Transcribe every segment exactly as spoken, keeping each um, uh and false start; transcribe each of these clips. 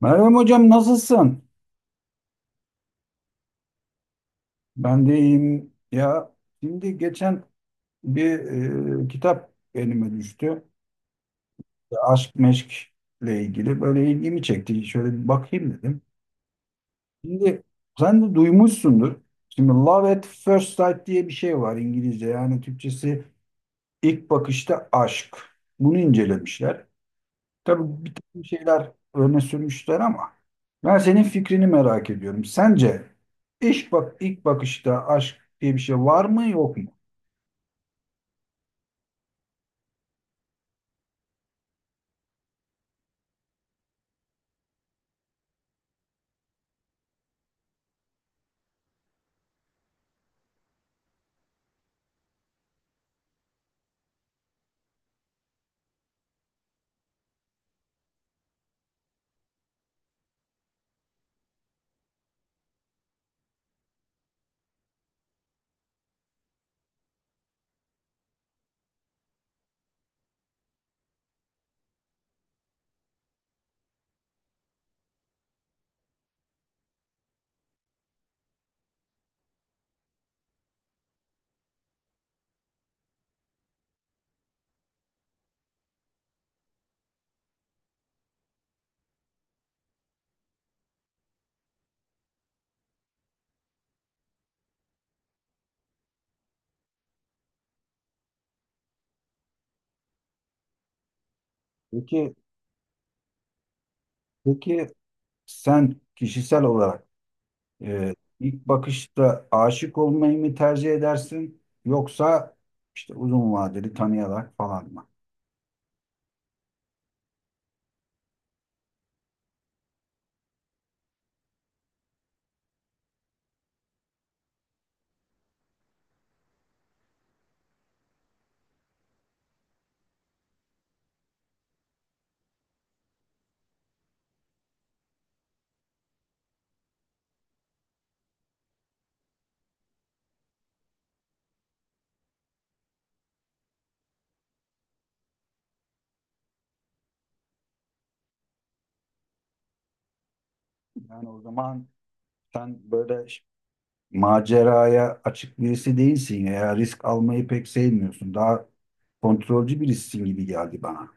Meryem Hocam nasılsın? Ben de iyiyim. Ya şimdi geçen bir e, kitap elime düştü. İşte aşk meşkle ilgili böyle ilgimi çekti. Şöyle bir bakayım dedim. Şimdi sen de duymuşsundur. Şimdi Love at First Sight diye bir şey var İngilizce. Yani Türkçesi ilk bakışta aşk. Bunu incelemişler. Tabii bir takım şeyler öne sürmüşler ama ben senin fikrini merak ediyorum. Sence iş bak ilk bakışta aşk diye bir şey var mı yok mu? Peki peki sen kişisel olarak e, ilk bakışta aşık olmayı mı tercih edersin yoksa işte uzun vadeli tanıyarak falan mı? Yani o zaman sen böyle ş- maceraya açık birisi değilsin ya, risk almayı pek sevmiyorsun. Daha kontrolcü birisin gibi geldi bana.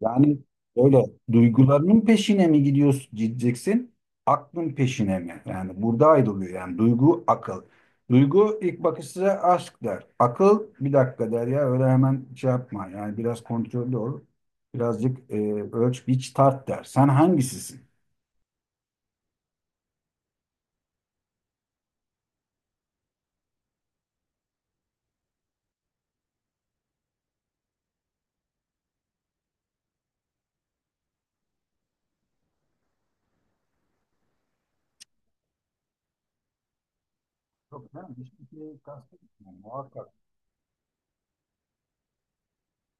Yani öyle duygularının peşine mi gidiyorsun, gideceksin? Aklın peşine mi? Yani burada ayrılıyor yani duygu akıl. Duygu ilk bakışta aşk der. Akıl bir dakika der ya, öyle hemen şey yapma. Yani biraz kontrollü ol. Birazcık e, ölç biç tart der. Sen hangisisin? Yok, ben hiçbir şey kastetmiyorum muhakkak.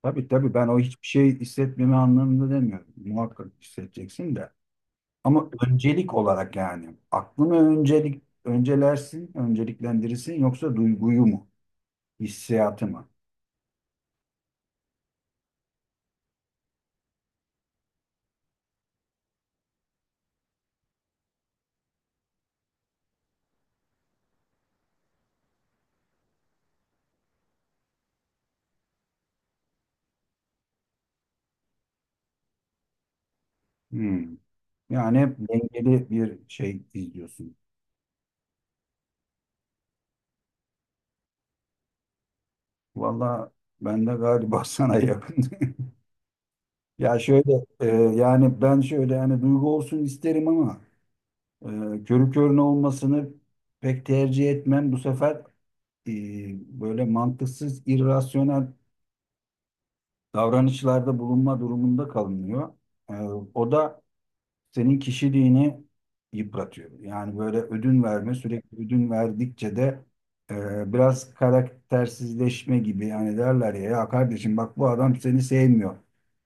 Tabii tabii, ben o hiçbir şey hissetmeme anlamında demiyorum. Muhakkak hissedeceksin de. Ama öncelik olarak yani aklını öncelik öncelersin, önceliklendirirsin yoksa duyguyu mu, hissiyatı mı? Hmm. Yani hep dengeli bir şey izliyorsun. Valla ben de galiba sana yakın. Ya şöyle e, yani ben şöyle yani duygu olsun isterim ama e, körü körüne olmasını pek tercih etmem. Bu sefer e, böyle mantıksız, irrasyonel davranışlarda bulunma durumunda kalınıyor. E, o da senin kişiliğini yıpratıyor. Yani böyle ödün verme, sürekli ödün verdikçe de e, biraz karaktersizleşme gibi, yani derler ya, ya kardeşim bak bu adam seni sevmiyor.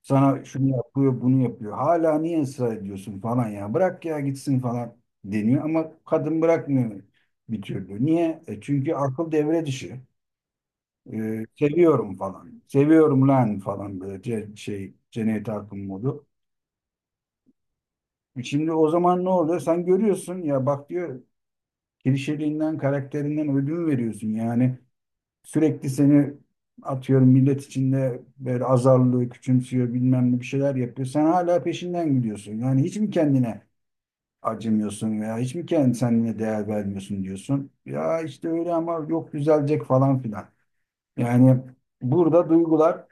Sana şunu yapıyor, bunu yapıyor. Hala niye ısrar ediyorsun falan ya. Bırak ya gitsin falan deniyor ama kadın bırakmıyor bir türlü. Niye? E, çünkü akıl devre dışı. E, seviyorum falan. Seviyorum lan falan, böyle ce- şey Cennet Akın modu. Şimdi o zaman ne oluyor? Sen görüyorsun ya, bak diyor klişeliğinden, karakterinden ödün veriyorsun. Yani sürekli seni atıyorum millet içinde böyle azarlıyor, küçümsüyor, bilmem ne bir şeyler yapıyor. Sen hala peşinden gidiyorsun. Yani hiç mi kendine acımıyorsun veya hiç mi kendine kendine değer vermiyorsun diyorsun. Ya işte öyle ama yok düzelecek falan filan. Yani burada duygular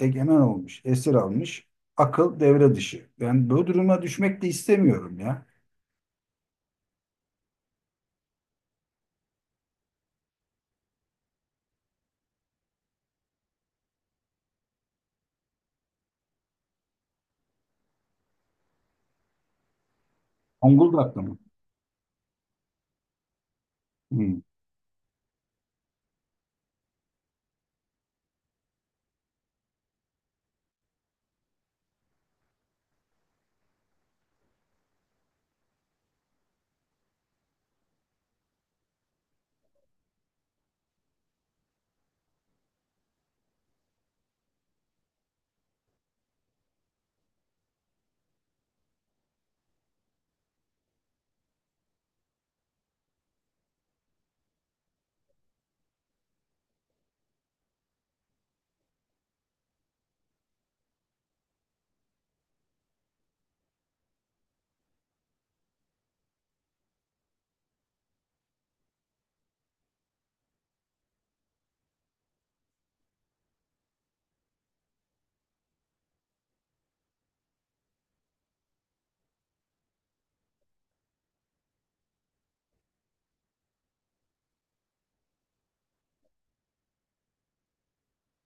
egemen olmuş, esir almış. Akıl devre dışı. Ben bu duruma düşmek de istemiyorum ya. Zonguldak'ta mı? Hmm.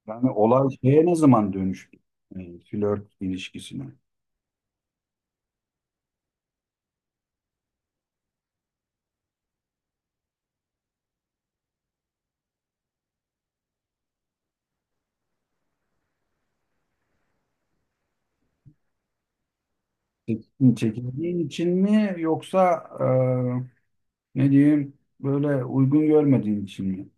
Yani olay şeye ne zaman dönüştü? E, flört ilişkisine. Çekin- Çekindiğin için mi yoksa e, ne diyeyim böyle uygun görmediğin için mi?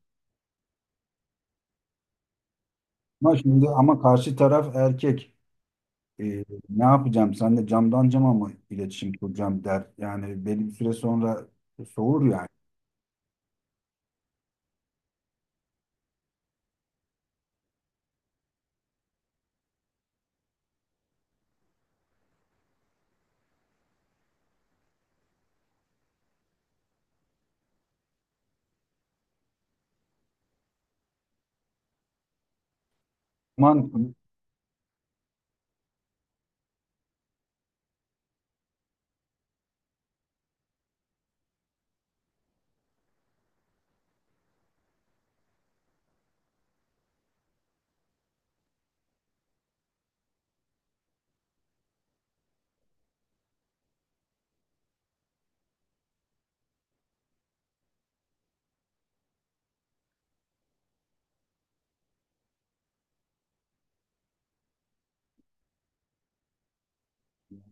Ama şimdi ama karşı taraf erkek. E, ne yapacağım? Sen de camdan cama mı iletişim kuracağım der. Yani belli bir süre sonra soğur yani. Aman,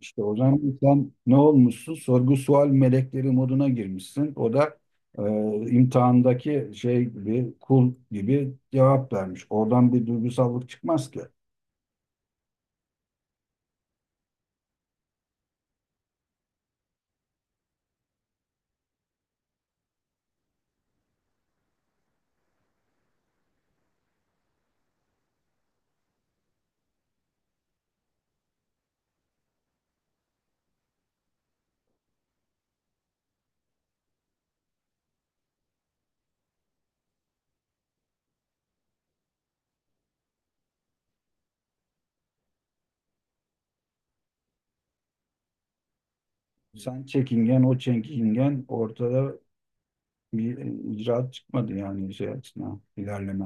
İşte o zaman sen ne olmuşsun? Sorgu sual melekleri moduna girmişsin. O da e, imtihandaki şey gibi, kul gibi cevap vermiş. Oradan bir duygusallık çıkmaz ki. Sen çekingen, o çekingen, ortada bir icraat çıkmadı yani şey açısından ilerleme.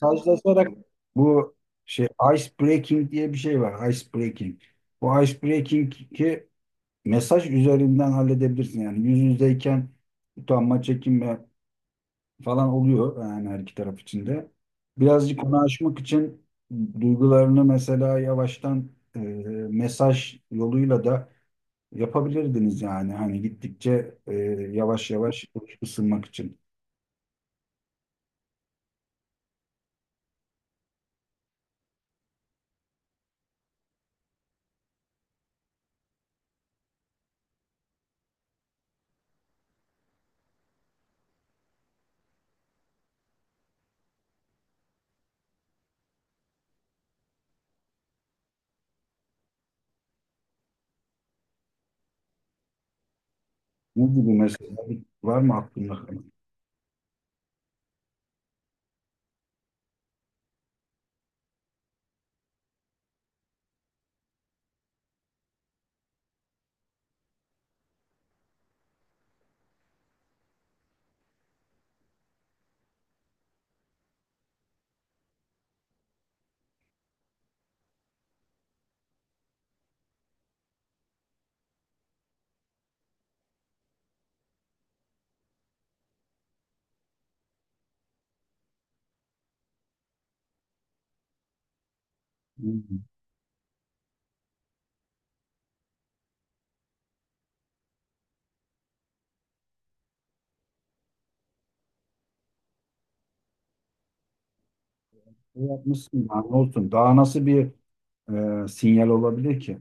Sazlaşarak bu şey, ice breaking diye bir şey var. Ice breaking. Bu ice breaking'i mesaj üzerinden halledebilirsin. Yani yüz yüzeyken utanma, çekinme, falan oluyor yani her iki taraf içinde. Birazcık onu aşmak için duygularını mesela yavaştan e, mesaj yoluyla da yapabilirdiniz yani hani gittikçe e, yavaş yavaş ısınmak için. Ne gibi mesela, var mı aklında kalan? Hmm. Ne yapmışsın yani, olsun. Daha nasıl bir e, sinyal olabilir ki?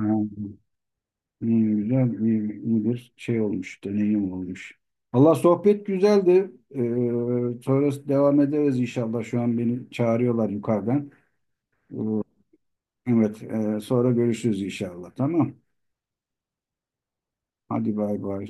Evet. İyi, güzel, iyi, iyi bir şey olmuş, deneyim olmuş. Allah, sohbet güzeldi. Ee, sonrası devam ederiz inşallah. Şu an beni çağırıyorlar yukarıdan. Ee, evet, e, sonra görüşürüz inşallah. Tamam. Hadi bay bay.